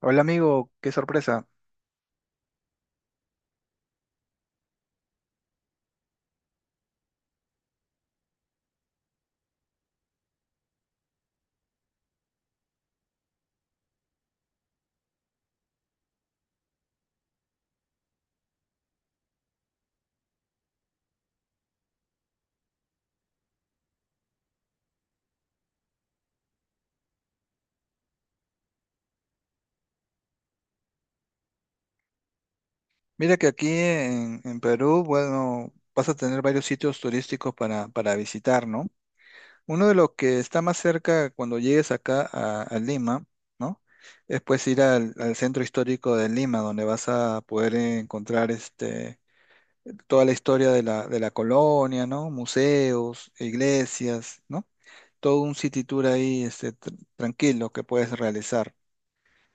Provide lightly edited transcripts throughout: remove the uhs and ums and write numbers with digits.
Hola amigo, qué sorpresa. Mira que aquí en Perú, bueno, vas a tener varios sitios turísticos para visitar, ¿no? Uno de los que está más cerca cuando llegues acá a Lima, ¿no? Es pues ir al centro histórico de Lima, donde vas a poder encontrar toda la historia de la colonia, ¿no? Museos, iglesias, ¿no? Todo un city tour ahí tranquilo que puedes realizar.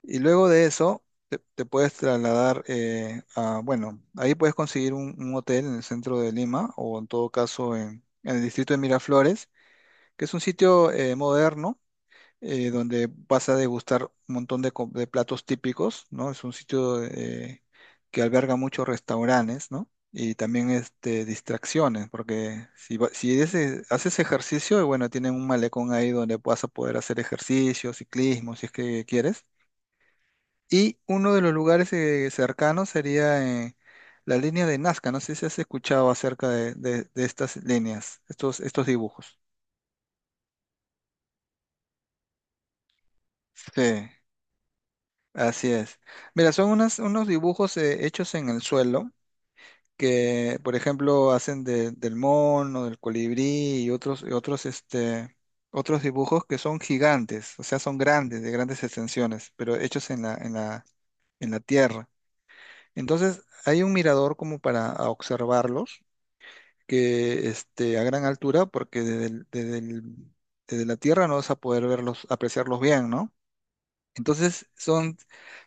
Y luego de eso, te puedes trasladar a, bueno, ahí puedes conseguir un hotel en el centro de Lima o en todo caso en el distrito de Miraflores, que es un sitio moderno donde vas a degustar un montón de platos típicos, ¿no? Es un sitio que alberga muchos restaurantes, ¿no? Y también distracciones, porque si, va- si ese- haces ejercicio, bueno, tienen un malecón ahí donde vas a poder hacer ejercicio, ciclismo, si es que quieres y uno de los lugares cercanos sería la línea de Nazca. No sé si has escuchado acerca de estas líneas, estos dibujos. Sí, así es. Mira, unos dibujos hechos en el suelo que, por ejemplo, hacen del mono, del colibrí y otros, otros dibujos que son gigantes, o sea, son grandes, de grandes extensiones, pero hechos en la tierra. Entonces, hay un mirador como para observarlos que a gran altura, porque desde la tierra no vas a poder verlos, apreciarlos bien, ¿no? Entonces son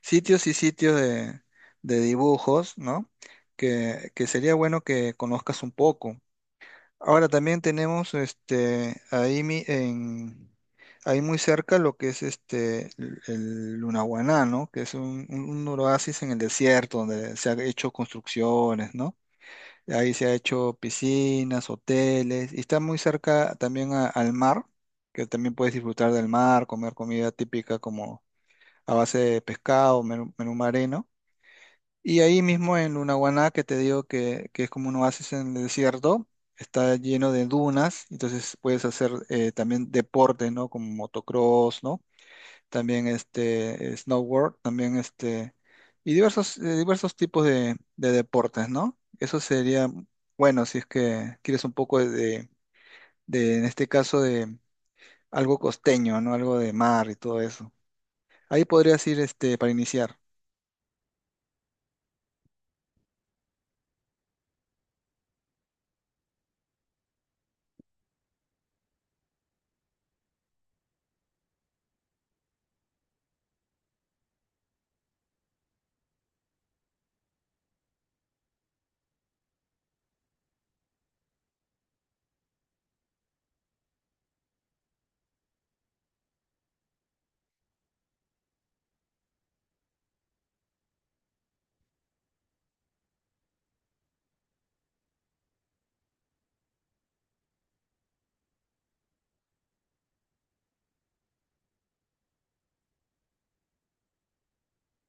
sitios y sitios de dibujos, ¿no? Que sería bueno que conozcas un poco. Ahora también tenemos ahí muy cerca lo que es el Lunahuaná, ¿no? Que es un un oasis en el desierto donde se han hecho construcciones, ¿no? Ahí se ha hecho piscinas, hoteles, y está muy cerca también al mar, que también puedes disfrutar del mar, comer comida típica como a base de pescado, menú marino. Y ahí mismo en Lunahuaná, que te digo que es como un oasis en el desierto, está lleno de dunas, entonces puedes hacer también deportes, ¿no? Como motocross, ¿no? También snowboard, también y diversos tipos de deportes, ¿no? Eso sería bueno si es que quieres un poco en este caso, de algo costeño, ¿no? Algo de mar y todo eso. Ahí podrías ir para iniciar.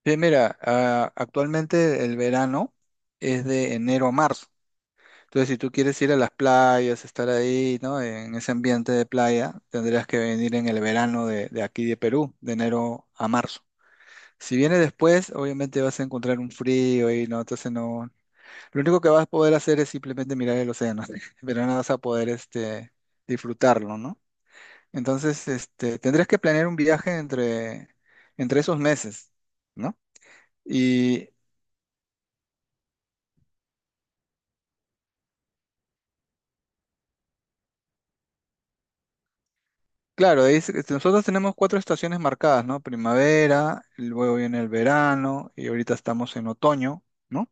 Bien, mira, ah, actualmente el verano es de enero a marzo. Entonces, si tú quieres ir a las playas, estar ahí, ¿no? En ese ambiente de playa, tendrías que venir en el verano de aquí de Perú, de enero a marzo. Si viene después, obviamente vas a encontrar un frío y no, entonces no. Lo único que vas a poder hacer es simplemente mirar el océano, pero no vas a poder disfrutarlo, ¿no? Entonces, tendrías que planear un viaje entre esos meses, ¿no? Claro, nosotros tenemos cuatro estaciones marcadas, ¿no? Primavera, luego viene el verano y ahorita estamos en otoño, ¿no?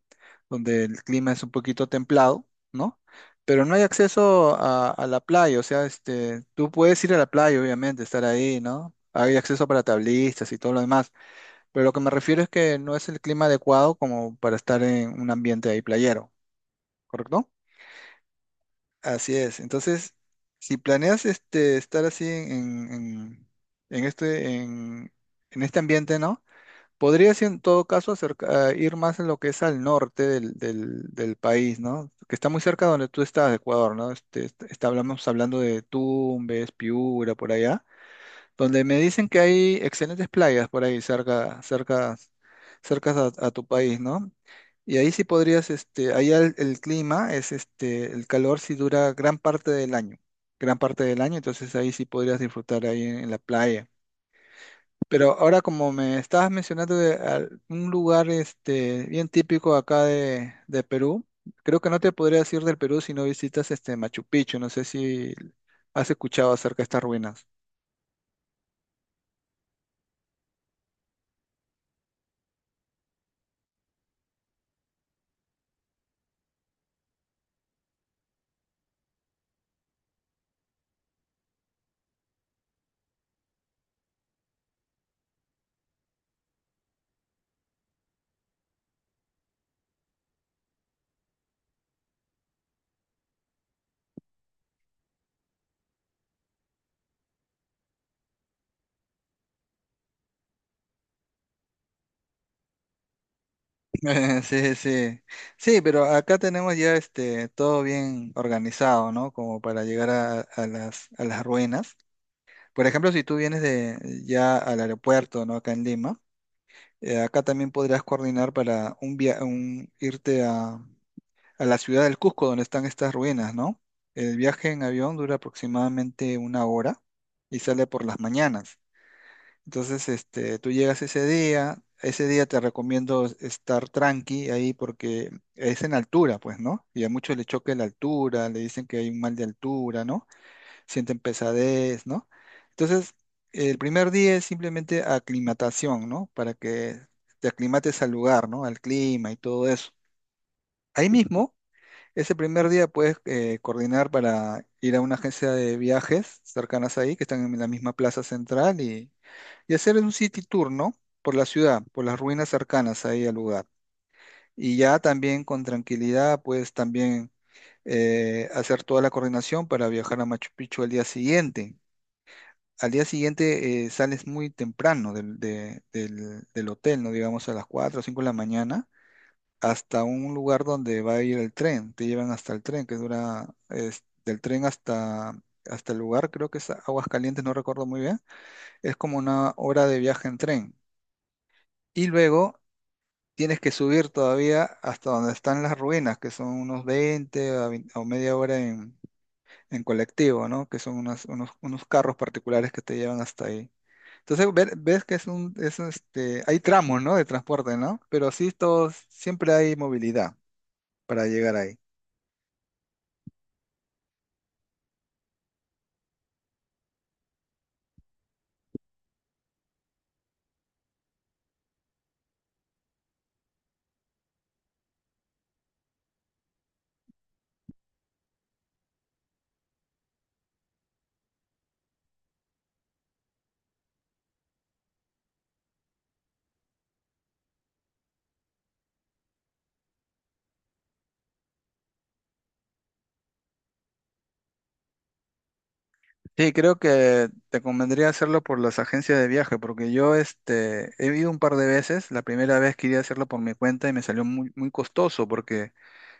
Donde el clima es un poquito templado, ¿no? Pero no hay acceso a la playa, o sea, tú puedes ir a la playa, obviamente, estar ahí, ¿no? Hay acceso para tablistas y todo lo demás, pero lo que me refiero es que no es el clima adecuado como para estar en un ambiente ahí playero, ¿correcto? Así es. Entonces, si planeas estar así en- en- este, en, en este ambiente, ¿no? Podrías en todo caso acerca- a ir más en lo que es al norte del país, ¿no? Que está muy cerca de donde tú estás, de Ecuador, ¿no? Este, est- está- hablamos hablando de Tumbes, Piura, por allá donde me dicen que hay excelentes playas por ahí cerca a tu país, ¿no? Y ahí sí podrías, allá el clima es, el calor sí dura gran parte del año, entonces ahí sí podrías disfrutar ahí en la playa. Pero ahora como me estabas mencionando un lugar, bien típico acá de Perú, creo que no te podrías ir del Perú si no visitas, Machu Picchu, no sé si has escuchado acerca de estas ruinas. Sí, sí. Sí, pero acá tenemos ya todo bien organizado, ¿no? Como para llegar a las ruinas. Por ejemplo, si tú vienes de ya al aeropuerto, ¿no? Acá en Lima, acá también podrías coordinar para un irte a la ciudad del Cusco, donde están estas ruinas, ¿no? El viaje en avión dura aproximadamente una hora y sale por las mañanas. Entonces, tú llegas ese día te recomiendo estar tranqui ahí porque es en altura, pues, ¿no? Y a muchos le choca la altura, le dicen que hay un mal de altura, ¿no? Sienten pesadez, ¿no? Entonces, el primer día es simplemente aclimatación, ¿no? Para que te aclimates al lugar, ¿no? Al clima y todo eso. Ahí mismo, ese primer día puedes coordinar para ir a una agencia de viajes cercanas ahí, que están en la misma plaza central y hacer un city tour, ¿no? Por la ciudad, por las ruinas cercanas ahí al lugar. Y ya también con tranquilidad, pues también hacer toda la coordinación para viajar a Machu Picchu al día siguiente. Al día siguiente sales muy temprano del hotel, ¿no? Digamos a las 4 o 5 de la mañana, hasta un lugar donde va a ir el tren. Te llevan hasta el tren, del tren hasta el lugar, creo que es Aguascalientes, no recuerdo muy bien. Es como una hora de viaje en tren. Y luego tienes que subir todavía hasta donde están las ruinas, que son unos 20 a 20 o media hora en colectivo, ¿no? Que son unos carros particulares que te llevan hasta ahí. Entonces ves que es hay tramos, ¿no? De transporte, ¿no? Pero sí, todos, siempre hay movilidad para llegar ahí. Sí, creo que te convendría hacerlo por las agencias de viaje, porque yo he ido un par de veces. La primera vez quería hacerlo por mi cuenta y me salió muy costoso, porque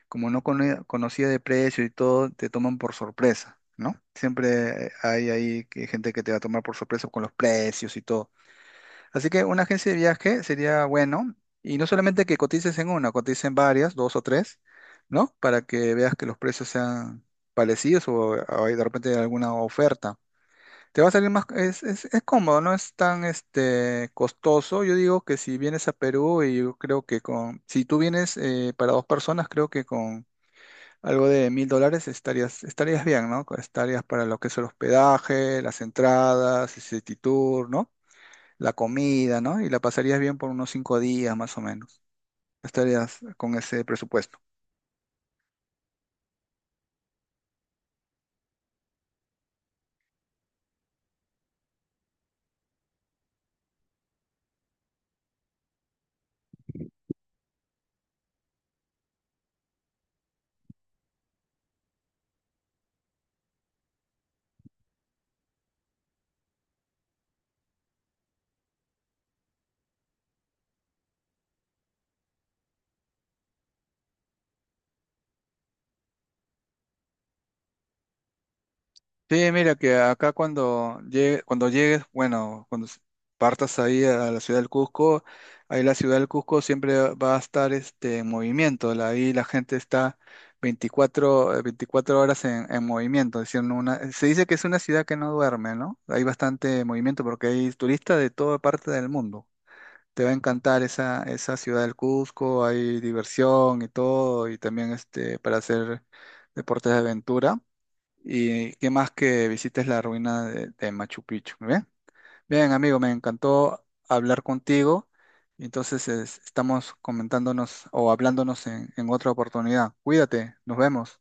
como no conocía de precio y todo, te toman por sorpresa, ¿no? Siempre hay ahí gente que te va a tomar por sorpresa con los precios y todo. Así que una agencia de viaje sería bueno, y no solamente que cotices en una, cotices en varias, dos o tres, ¿no? Para que veas que los precios sean parecidos o hay de repente alguna oferta. Te va a salir más, es cómodo, no es tan costoso. Yo digo que si vienes a Perú y yo creo que si tú vienes para dos personas, creo que con algo de $1000 estarías bien, ¿no? Estarías para lo que es el hospedaje, las entradas, el city tour, ¿no? La comida, ¿no? Y la pasarías bien por unos cinco días más o menos. Estarías con ese presupuesto. Sí, mira que acá cuando llegues, bueno, partas ahí a la ciudad del Cusco, ahí la ciudad del Cusco siempre va a estar en movimiento, ahí la gente está 24 horas en movimiento, es decir, no una, se dice que es una ciudad que no duerme, ¿no? Hay bastante movimiento porque hay turistas de toda parte del mundo. Te va a encantar esa ciudad del Cusco, hay diversión y todo, y también para hacer deportes de aventura. Y qué más que visites la ruina de Machu Picchu, ¿muy bien? Bien, amigo, me encantó hablar contigo. Entonces, estamos comentándonos o hablándonos en otra oportunidad. Cuídate, nos vemos.